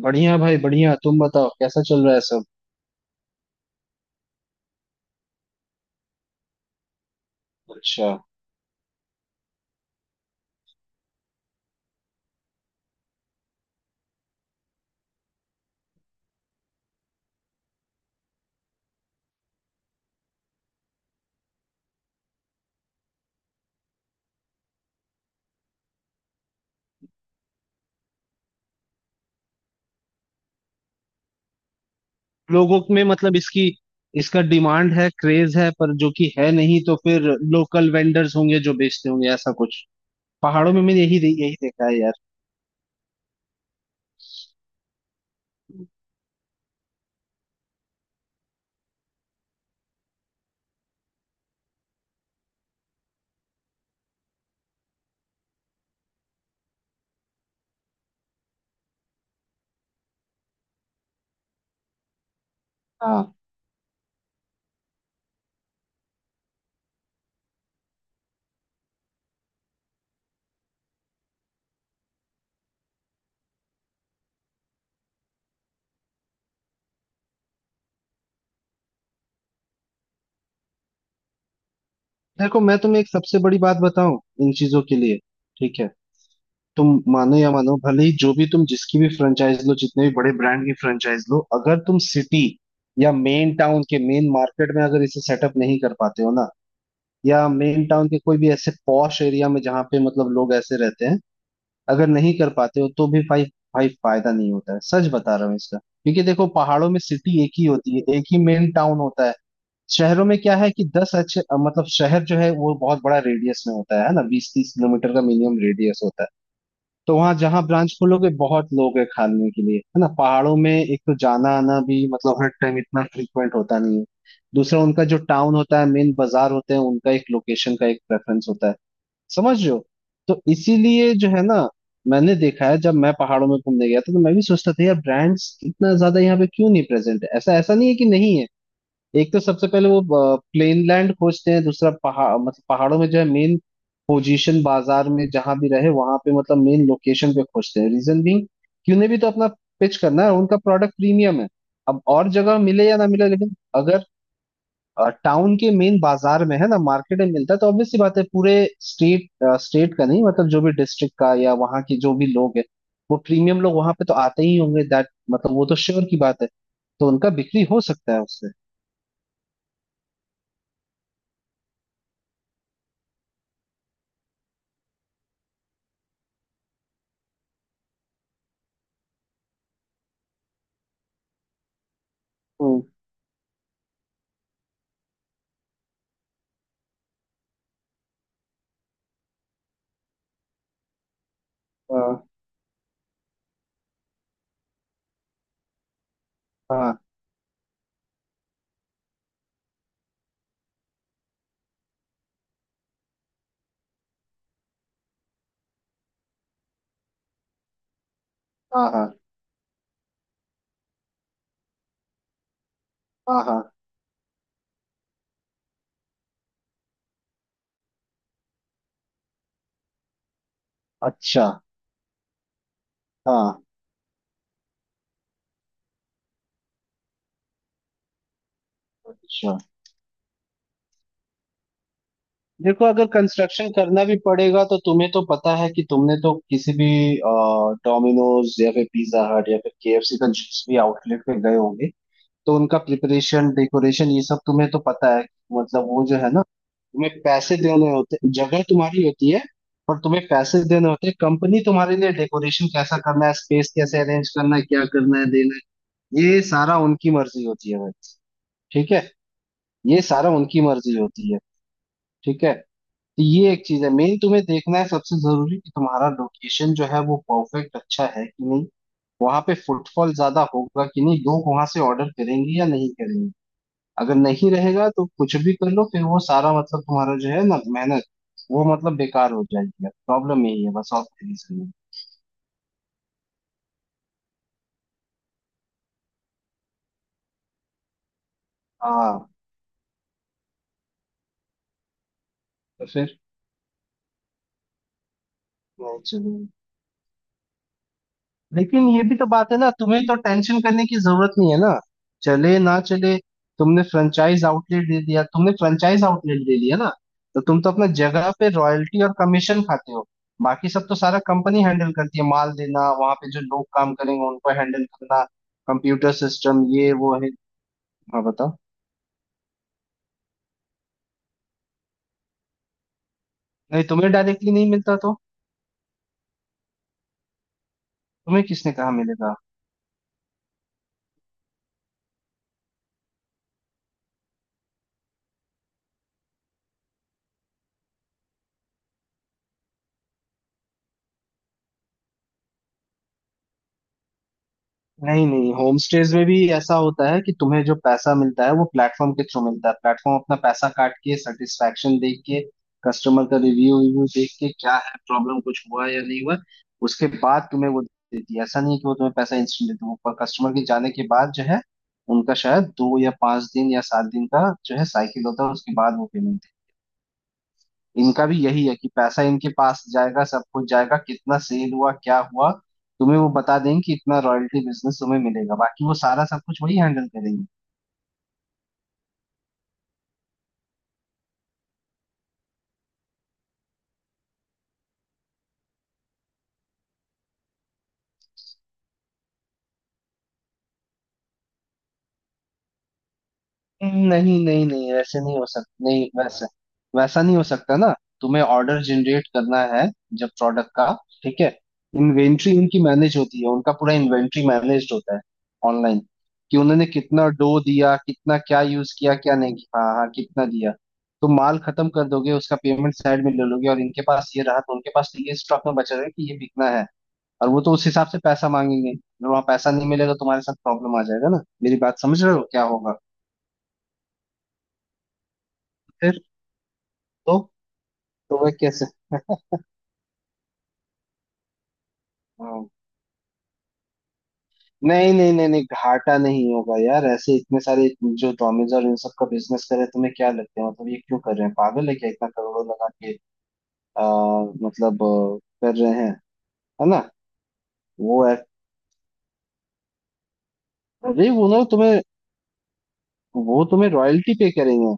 बढ़िया भाई, बढ़िया। तुम बताओ कैसा चल रहा है सब? अच्छा। लोगों में मतलब इसकी, इसका डिमांड है, क्रेज है, पर जो कि है नहीं। तो फिर लोकल वेंडर्स होंगे जो बेचते होंगे ऐसा कुछ। पहाड़ों में मैंने यही यही देखा है यार। हाँ, देखो मैं तुम्हें एक सबसे बड़ी बात बताऊं। इन चीजों के लिए, ठीक है। तुम मानो या मानो, भले ही जो भी तुम जिसकी भी फ्रेंचाइज लो, जितने भी बड़े ब्रांड की फ्रेंचाइज लो, अगर तुम सिटी या मेन टाउन के मेन मार्केट में अगर इसे सेटअप नहीं कर पाते हो ना, या मेन टाउन के कोई भी ऐसे पॉश एरिया में जहाँ पे मतलब लोग ऐसे रहते हैं, अगर नहीं कर पाते हो तो भी भाई, भाई फायदा नहीं होता है। सच बता रहा हूँ इसका, क्योंकि देखो पहाड़ों में सिटी एक ही होती है, एक ही मेन टाउन होता है। शहरों में क्या है कि 10 अच्छे शहर जो है वो बहुत बड़ा रेडियस में होता है ना? 20-30 किलोमीटर का मिनिमम रेडियस होता है। तो वहां जहां ब्रांच खोलोगे बहुत लोग है खाने के लिए, है ना? पहाड़ों में एक तो जाना आना भी मतलब हर टाइम इतना फ्रीक्वेंट होता नहीं है। दूसरा उनका जो टाउन होता है, मेन बाजार होते हैं उनका, एक लोकेशन का एक प्रेफरेंस होता है। समझ रहे हो? तो इसीलिए जो है ना, मैंने देखा है जब मैं पहाड़ों में घूमने गया था तो मैं भी सोचता था यार ब्रांड्स इतना ज्यादा यहाँ पे क्यों नहीं प्रेजेंट है। ऐसा ऐसा नहीं है कि नहीं है। एक तो सबसे पहले वो प्लेन लैंड खोजते हैं, दूसरा पहाड़ मतलब पहाड़ों में जो है मेन पोजीशन बाजार में जहां भी रहे वहां पे, मतलब मेन लोकेशन पे खोजते हैं। रीजन भी कि उन्हें भी तो अपना पिच करना है, उनका प्रोडक्ट प्रीमियम है। अब और जगह मिले या ना मिले, लेकिन अगर टाउन के मेन बाजार में है ना, मार्केट में मिलता है, तो ऑब्वियस सी बात है पूरे स्टेट स्टेट का नहीं, मतलब जो भी डिस्ट्रिक्ट का या वहाँ के जो भी लोग है, वो प्रीमियम लोग वहां पे तो आते ही होंगे, दैट मतलब वो तो श्योर की बात है। तो उनका बिक्री हो सकता है उससे। हम्म, हाँ। हाँ, हाँ, हाँ, हाँ, हाँ, हाँ, हाँ, हाँ, हाँ, हाँ, हाँ, हाँ, हाँ, हाँ, हाँ, हाँ, हाँ, हाँ। अच्छा। हाँ। अच्छा, देखो अगर कंस्ट्रक्शन करना भी पड़ेगा तो तुम्हें तो पता है कि तुमने तो किसी भी डोमिनोज या फिर पिज्जा हट या फिर केएफसी का जिस भी आउटलेट पे गए होंगे तो उनका प्रिपरेशन, डेकोरेशन, ये सब तुम्हें तो पता है। मतलब वो जो है ना, तुम्हें पैसे देने होते, जगह तुम्हारी होती है, और तुम्हें पैसे देने होते हैं। कंपनी तुम्हारे लिए डेकोरेशन कैसा करना है, स्पेस कैसे अरेंज करना है, क्या करना है, देना है, ये सारा उनकी मर्जी होती है भाई। ठीक है? ये सारा उनकी मर्जी होती है, ठीक है। तो ये एक चीज है मेन तुम्हें देखना है सबसे जरूरी, कि तुम्हारा लोकेशन जो है वो परफेक्ट अच्छा है कि नहीं, वहां पे फुटफॉल ज्यादा होगा कि नहीं, लोग वहां से ऑर्डर करेंगे या नहीं करेंगे। अगर नहीं रहेगा तो कुछ भी कर लो, फिर वो सारा मतलब तुम्हारा जो है ना मेहनत, वो मतलब बेकार हो जाएगी। प्रॉब्लम यही है बस, और कोई रीजन नहीं। हाँ। तो फिर चलो। लेकिन ये भी तो बात है ना, तुम्हें तो टेंशन करने की जरूरत नहीं है ना। चले ना चले, तुमने फ्रेंचाइज आउटलेट दे दिया, तुमने फ्रेंचाइज आउटलेट दे दिया ना, तो तुम तो अपना जगह पे रॉयल्टी और कमीशन खाते हो। बाकी सब तो सारा कंपनी हैंडल करती है, माल देना, वहां पे जो लोग काम करेंगे उनको हैंडल करना, कंप्यूटर सिस्टम, ये वो है। हाँ बताओ। नहीं, तुम्हें डायरेक्टली नहीं मिलता तो तुम्हें किसने कहा मिलेगा? नहीं नहीं, होम स्टेज में भी ऐसा होता है कि तुम्हें जो पैसा मिलता है वो प्लेटफॉर्म के थ्रू मिलता है। प्लेटफॉर्म अपना पैसा काट के, सेटिस्फेक्शन देख के, कस्टमर का रिव्यू रिव्यू देख के, क्या है प्रॉब्लम कुछ हुआ या नहीं हुआ, उसके बाद तुम्हें वो देती है। ऐसा नहीं है कि वो तुम्हें पैसा इंस्टेंट देती है। वो पर कस्टमर के जाने के बाद जो है, उनका शायद 2 या 5 दिन या 7 दिन का जो है साइकिल होता है, उसके बाद वो पेमेंट। इनका भी यही है कि पैसा इनके पास जाएगा, सब कुछ जाएगा, कितना सेल हुआ, क्या हुआ, तुम्हें वो बता देंगे कि इतना रॉयल्टी बिजनेस तुम्हें मिलेगा, बाकी वो सारा सब कुछ वही हैंडल करेंगे। नहीं नहीं नहीं, वैसे नहीं हो सकता, नहीं वैसे, वैसा नहीं हो सकता ना। तुम्हें ऑर्डर जनरेट करना है जब प्रोडक्ट का, ठीक है। इन्वेंट्री उनकी मैनेज होती है, उनका पूरा इन्वेंट्री मैनेज होता है ऑनलाइन, कि उन्होंने कितना डो दिया, कितना क्या यूज किया, क्या नहीं किया। हाँ हाँ, कितना दिया। तो माल खत्म कर दोगे, उसका पेमेंट साइड में ले लोगे, और इनके पास ये रहा तो उनके पास तो ये स्टॉक में बचा रहेगा कि ये बिकना है, और वो तो उस हिसाब से पैसा मांगेंगे। वहां पैसा नहीं मिलेगा तो तुम्हारे साथ प्रॉब्लम आ जाएगा ना। मेरी बात समझ रहे हो क्या होगा फिर? तो तो वह कैसे। हाँ। नहीं नहीं नहीं नहीं, घाटा नहीं होगा यार। ऐसे इतने सारे जो डोमिनोज और इन सब का बिजनेस करे, तुम्हें क्या लगता है मतलब ये क्यों कर रहे हैं? पागल है क्या इतना करोड़ों लगा के? आ, मतलब अ, कर रहे हैं, है ना। वो है, अरे वो ना तुम्हें, वो तुम्हें रॉयल्टी पे करेंगे।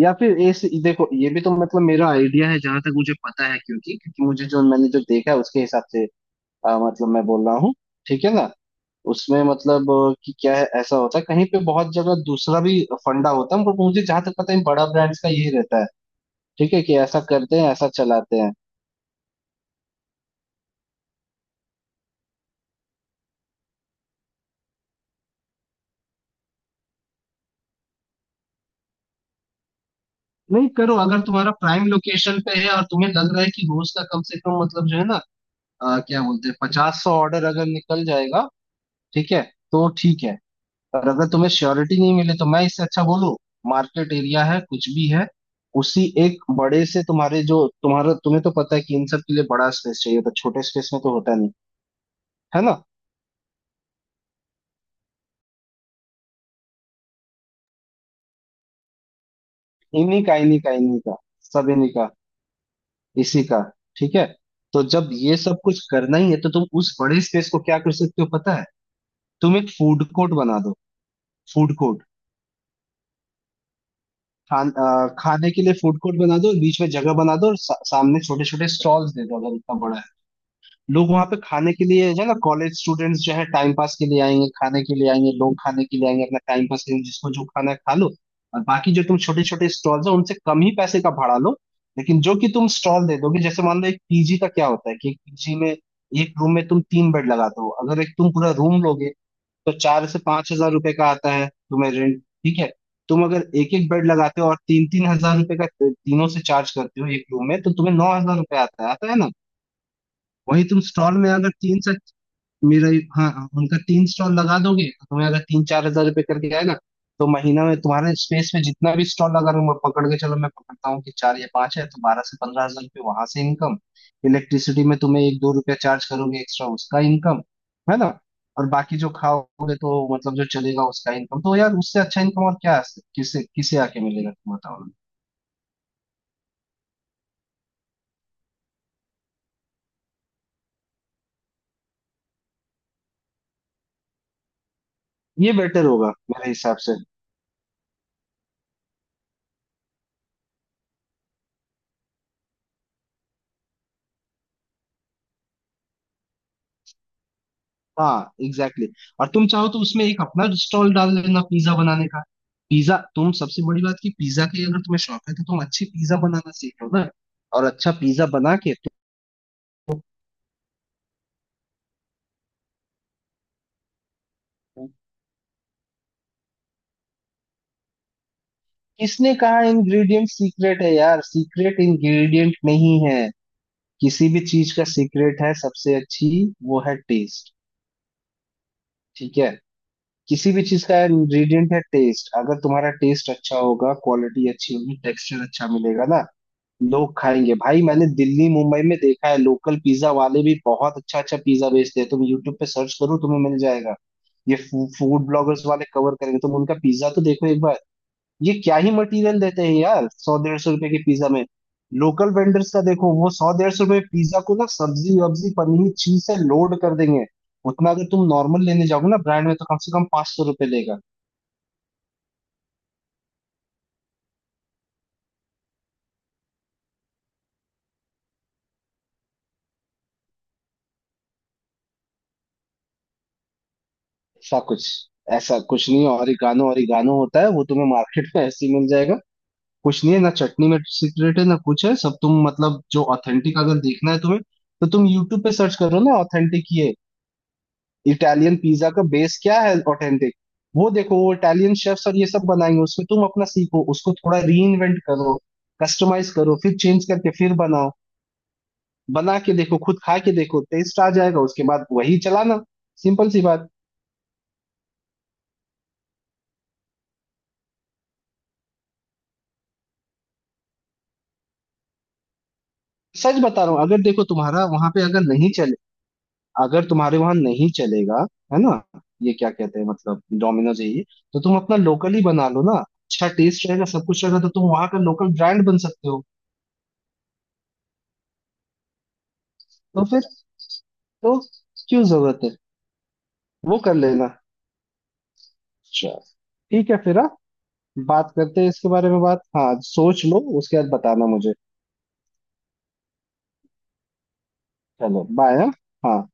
या फिर इस देखो, ये भी तो मतलब मेरा आइडिया है जहां तक मुझे पता है, क्योंकि क्योंकि मुझे जो मैंने जो देखा है उसके हिसाब से मैं बोल रहा हूँ, ठीक है ना। उसमें मतलब कि क्या है, ऐसा होता है कहीं पे बहुत जगह, दूसरा भी फंडा होता है, पर मुझे जहां तक पता है इन बड़ा ब्रांड्स का यही रहता है, ठीक है, कि ऐसा करते हैं, ऐसा चलाते हैं। नहीं, करो अगर तुम्हारा प्राइम लोकेशन पे है और तुम्हें लग रहा है कि रोज का कम से कम मतलब जो है ना, क्या बोलते हैं, 50-100 ऑर्डर अगर निकल जाएगा, ठीक है, तो ठीक है। और अगर तुम्हें श्योरिटी नहीं मिले तो मैं इससे अच्छा बोलूं, मार्केट एरिया है कुछ भी है, उसी एक बड़े से तुम्हारे जो तुम्हारा, तुम्हें तो पता है कि इन सब के लिए बड़ा स्पेस चाहिए, तो छोटे स्पेस में तो होता नहीं, है ना। इन्हीं का, इन्हीं का, इन्हीं का, सब इन्हीं का, इसी का। ठीक है। तो जब ये सब कुछ करना ही है तो तुम उस बड़े स्पेस को क्या कर सकते हो पता है, तुम एक फूड कोर्ट बना दो। फूड कोर्ट, खाने के लिए फूड कोर्ट बना दो, बीच में जगह बना दो और सामने छोटे छोटे स्टॉल्स दे दो अगर इतना बड़ा। लोग वहां पे खाने के लिए जो है ना, कॉलेज स्टूडेंट्स जो है टाइम पास के लिए आएंगे, खाने के लिए आएंगे, लोग खाने के लिए आएंगे अपना टाइम पास करेंगे, जिसको जो खाना है खा लो। और बाकी जो तुम छोटे छोटे स्टॉल्स है उनसे कम ही पैसे का भाड़ा लो, लेकिन जो कि तुम स्टॉल दे दोगे। जैसे मान लो एक पीजी का क्या होता है कि एक पीजी में एक रूम में तुम 3 बेड लगाते हो। अगर एक तुम पूरा रूम लोगे तो 4 से 5 हज़ार रुपए का आता है तुम्हें रेंट, ठीक है। तुम अगर एक एक बेड लगाते हो और 3-3 हज़ार रुपए का तीनों से चार्ज करते हो एक रूम में, तो तुम्हें 9 हज़ार रुपए आता है, आता है ना। वही तुम स्टॉल में अगर तीन से, मेरा, हाँ, उनका 3 स्टॉल लगा दोगे तो तुम्हें अगर 3-4 हज़ार रुपये करके आए ना, तो महीना में तुम्हारे स्पेस में जितना भी स्टॉल लगा लूंगा, पकड़ के चलो मैं पकड़ता हूँ कि 4 या 5 है, तो 12 से 15 हज़ार रुपये वहां से इनकम। इलेक्ट्रिसिटी में तुम्हें 1-2 रुपया चार्ज करोगे एक्स्ट्रा, उसका इनकम, है ना। और बाकी जो खाओगे तो मतलब जो चलेगा उसका इनकम। तो यार उससे अच्छा इनकम और क्या है? किसे किसे आके मिलेगा, तुम बताओ ना। ये बेटर होगा मेरे हिसाब से। हाँ एग्जैक्टली, exactly। और तुम चाहो तो उसमें एक अपना स्टॉल डाल लेना पिज्जा बनाने का। पिज्जा तुम, सबसे बड़ी बात की, पिज्जा की अगर तुम्हें शौक है तो तुम अच्छी पिज्जा बनाना सीख लो ना, और अच्छा पिज्जा बना के तुम। किसने कहा इंग्रेडिएंट सीक्रेट है यार? सीक्रेट इंग्रेडिएंट नहीं है। किसी भी चीज का सीक्रेट है सबसे अच्छी, वो है टेस्ट, ठीक है। किसी भी चीज का इंग्रेडिएंट है टेस्ट। अगर तुम्हारा टेस्ट अच्छा होगा, क्वालिटी अच्छी होगी, टेक्सचर अच्छा मिलेगा ना, लोग खाएंगे भाई। मैंने दिल्ली मुंबई में देखा है लोकल पिज्जा वाले भी बहुत अच्छा अच्छा पिज्जा बेचते हैं। तुम यूट्यूब पे सर्च करो तुम्हें मिल जाएगा ये, फूड ब्लॉगर्स वाले कवर करेंगे, तुम उनका पिज्जा तो देखो एक बार। ये क्या ही मटेरियल देते हैं यार 100-150 रुपए के पिज्जा में। लोकल वेंडर्स का देखो, वो 100-150 रुपए पिज्जा को ना सब्जी वब्जी पनीर चीज से लोड कर देंगे। उतना अगर तुम नॉर्मल लेने जाओगे ना ब्रांड में तो कम से कम 500 रुपए लेगा। ऐसा कुछ, नहीं, और ओरिगानो ओरिगानो होता है, वो तुम्हें मार्केट में ऐसे ही मिल जाएगा। कुछ नहीं है ना चटनी में सीक्रेट है ना कुछ है। सब तुम, मतलब जो ऑथेंटिक अगर देखना है तुम्हें, तो तुम यूट्यूब पे सर्च करो ना, ऑथेंटिक ये इटालियन पिज्जा का बेस क्या है ऑथेंटिक। वो देखो, वो इटालियन शेफ्स और ये सब बनाएंगे, उसमें तुम अपना सीखो, उसको थोड़ा रीइन्वेंट करो, कस्टमाइज करो, फिर चेंज करके फिर बनाओ। बना के देखो, खुद खा के देखो, टेस्ट आ जाएगा, उसके बाद वही चलाना। सिंपल सी बात। सच बता रहा हूँ, अगर देखो तुम्हारा वहां पे अगर नहीं चले, अगर तुम्हारे वहां नहीं चलेगा, है ना, ये क्या कहते हैं मतलब डोमिनोज है ये, तो तुम अपना लोकल ही बना लो ना, अच्छा टेस्ट रहेगा, सब कुछ रहेगा, तो तुम वहां का लोकल ब्रांड बन सकते हो। तो फिर, तो क्यों जरूरत है, वो कर लेना। अच्छा, ठीक है फिर। हाँ बात करते हैं इसके बारे में, बात हाँ, सोच लो उसके बाद बताना मुझे। चलो बाय। हाँ। हाँ।